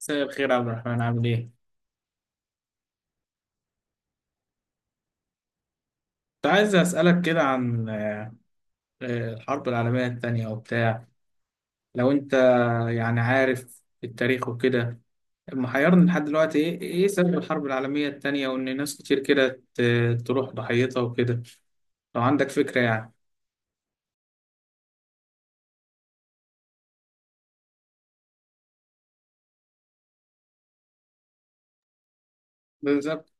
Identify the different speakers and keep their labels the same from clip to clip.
Speaker 1: مساء الخير يا عبد الرحمن، عامل ايه؟ كنت عايز اسألك كده عن الحرب العالمية التانية وبتاع. لو انت يعني عارف التاريخ وكده، محيرني لحد دلوقتي ايه سبب الحرب العالمية التانية، وان ناس كتير كده تروح ضحيتها وكده. لو عندك فكرة يعني. بالظبط.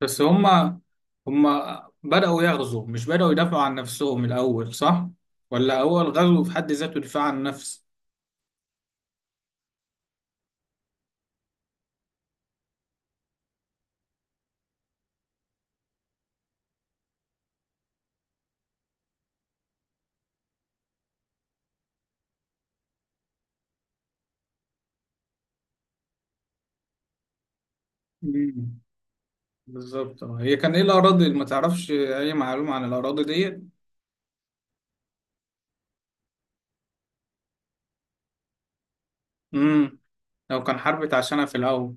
Speaker 1: بس هما بدأوا يغزوا، مش بدأوا يدافعوا عن نفسهم الأول، صح؟ ولا هو الغزو في حد ذاته دفاع عن النفس؟ مم. بالظبط اه. هي كان ايه الأراضي اللي ما تعرفش أي معلومة عن الأراضي ديت؟ امم لو كان حرب اتعشنا في الأول.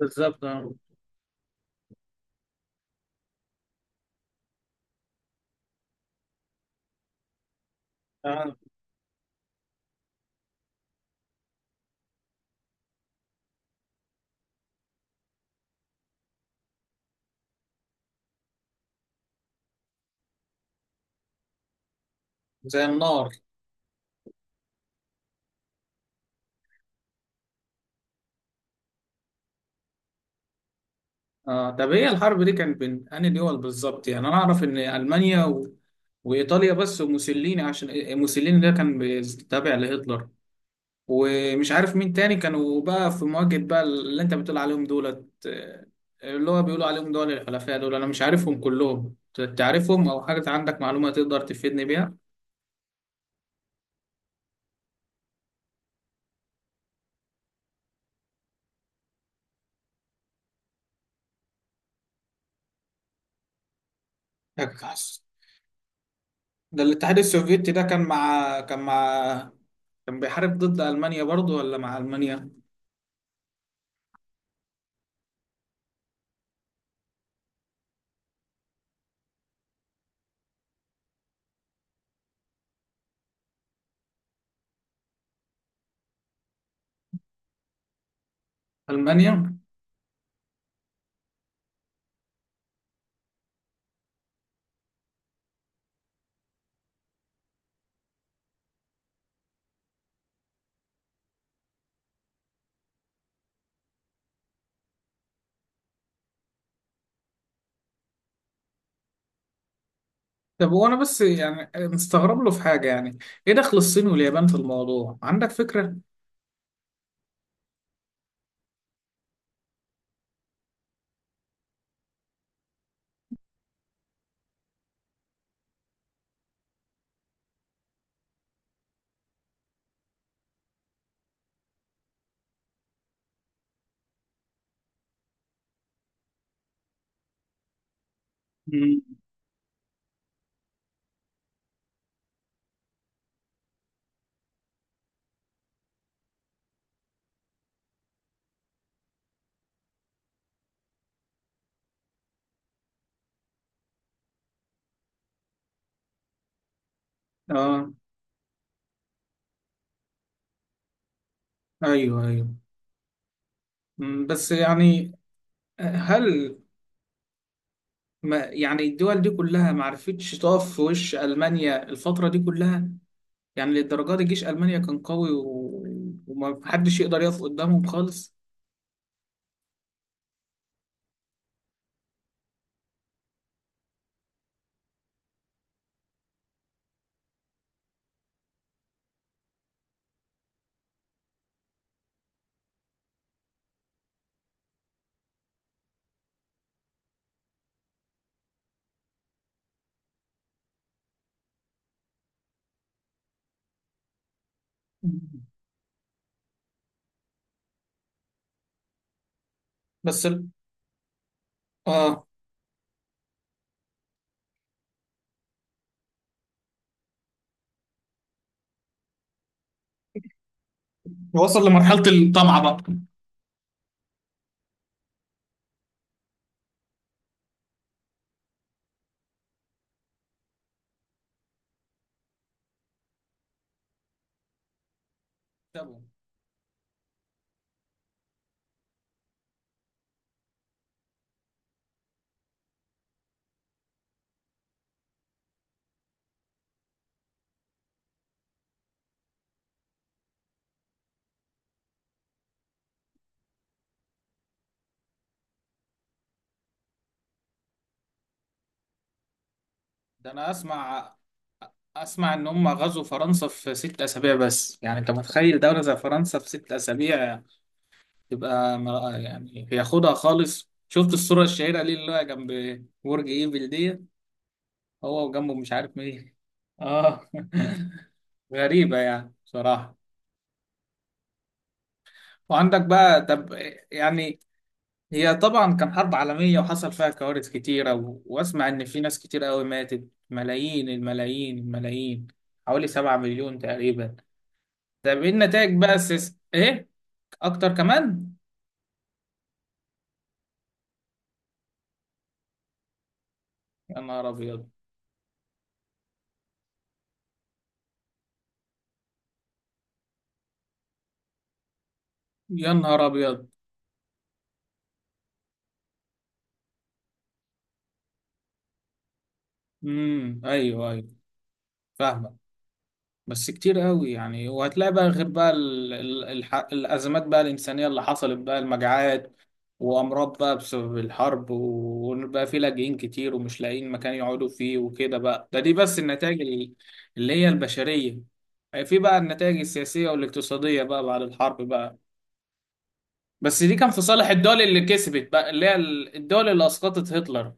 Speaker 1: بالظبط اه. آه. زي النار. آه. طب هي الحرب دي كانت بين أنهي دول بالظبط؟ يعني أنا أعرف إن ألمانيا و... وإيطاليا بس، وموسوليني، عشان إيه، موسوليني ده كان تابع لهتلر، ومش عارف مين تاني كانوا بقى في مواجهة بقى اللي أنت بتقول عليهم دولت، اللي هو بيقولوا عليهم دول الحلفاء. دول أنا مش عارفهم كلهم، تعرفهم أو حاجة؟ عندك معلومة تقدر تفيدني بيها؟ ده الاتحاد السوفيتي ده كان مع، كان مع، كان بيحارب ضد ألمانيا برضو ولا مع ألمانيا؟ ألمانيا؟ طب وأنا بس يعني مستغرب له في حاجة، يعني إيه دخل الصين واليابان في الموضوع؟ عندك فكرة؟ مم. آه أيوه أيوه. بس يعني، هل ما يعني الدول دي كلها ما عرفتش تقف في وش ألمانيا الفترة دي كلها؟ يعني للدرجة دي جيش ألمانيا كان قوي و... وما حدش يقدر يقف قدامهم خالص؟ مم. بس آه وصل لمرحلة الطمع بقى. ده انا اسمع ان هم غزوا فرنسا في 6 اسابيع، بس يعني انت متخيل دولة زي فرنسا في 6 اسابيع يعني ياخدها خالص؟ شفت الصورة الشهيرة ليه اللي هو جنب برج ايفل دي؟ هو وجنبه مش عارف مين. اه. غريبة يعني بصراحة. وعندك بقى، طب، يعني هي طبعا كان حرب عالمية، وحصل فيها كوارث كتيرة و... واسمع ان في ناس كتير قوي ماتت، ملايين الملايين الملايين، حوالي 7 مليون تقريبا. طب ايه النتائج بقى ايه؟ اكتر كمان. يا نهار ابيض. يا نهار ابيض. ايوه ايوه. فاهمك. بس كتير قوي يعني، وهتلاقي بقى غير بقى ال ال الح الازمات بقى الانسانيه اللي حصلت بقى، المجاعات، وامراض بقى بسبب الحرب، وبقى في لاجئين كتير ومش لاقيين مكان يقعدوا فيه وكده بقى. دي بس النتائج اللي هي البشريه. في بقى النتائج السياسيه والاقتصاديه بقى بعد الحرب بقى، بس دي كان في صالح الدول اللي كسبت بقى، اللي هي الدول اللي اسقطت هتلر.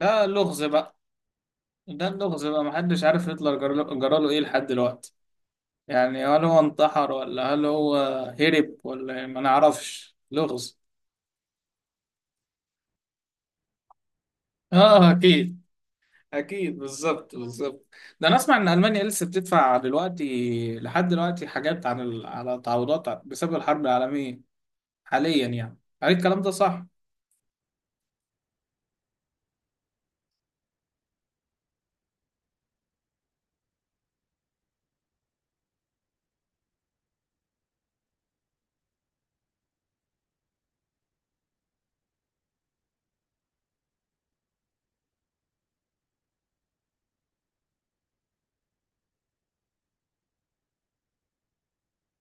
Speaker 1: ده لغز بقى. ده اللغز بقى، محدش عارف هتلر جرى جراله ايه لحد دلوقتي. يعني هل هو انتحر، ولا هل هو هرب، ولا إيه؟ ما نعرفش، لغز. اه اكيد. اكيد بالظبط بالظبط. ده انا اسمع ان المانيا لسه بتدفع دلوقتي لحد دلوقتي حاجات عن على تعويضات بسبب الحرب العالميه حاليا يعني. هل الكلام ده صح؟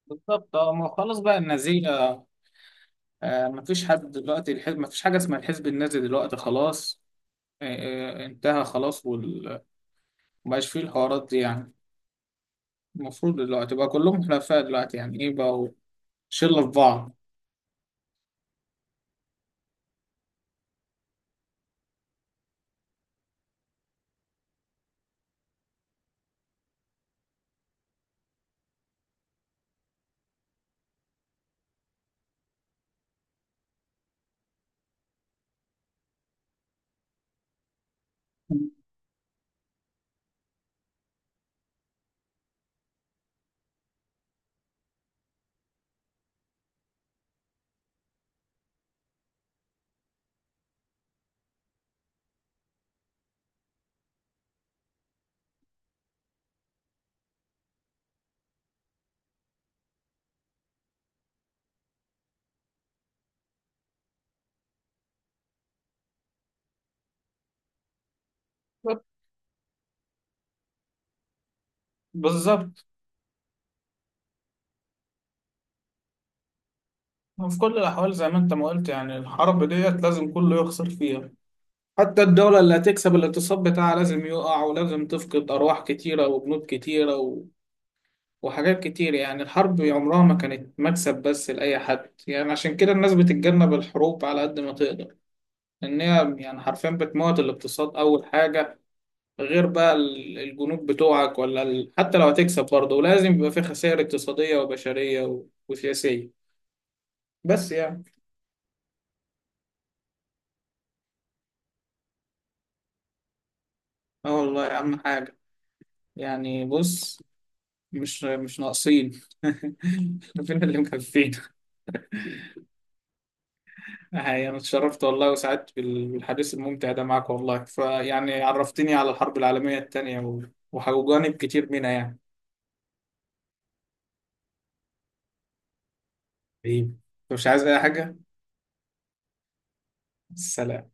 Speaker 1: بالظبط اه. ما هو خلاص بقى النازيه، آه، مفيش حد دلوقتي الحزب، مفيش حاجه اسمها الحزب النازي دلوقتي خلاص. آه. آه انتهى خلاص مبقاش فيه الحوارات دي يعني. المفروض دلوقتي بقى كلهم حلفاء دلوقتي، يعني ايه، بقوا شلة في بعض. بالظبط بالظبط. وفي كل الأحوال زي ما أنت ما قلت، يعني الحرب ديت لازم كله يخسر فيها. حتى الدولة اللي هتكسب، الاقتصاد بتاعها لازم يقع، ولازم تفقد أرواح كتيرة وبنود كتيرة و... وحاجات كتير. يعني الحرب عمرها ما كانت مكسب بس لأي حد، يعني عشان كده الناس بتتجنب الحروب على قد ما تقدر، لأن هي يعني حرفيا بتموت الاقتصاد أول حاجة، غير بقى الجنود بتوعك ولا حتى لو هتكسب برضه، ولازم يبقى في خسائر اقتصادية وبشرية و... وسياسية. بس يعني. اه والله أهم حاجة. يعني بص، مش ناقصين. فين اللي مكفينا. يعني اتشرفت والله وسعدت بالحديث الممتع ده معاك والله، فيعني عرفتني على الحرب العالمية التانية و... وجانب كتير منها يعني. حبيبي، مش عايز أي حاجة. سلام.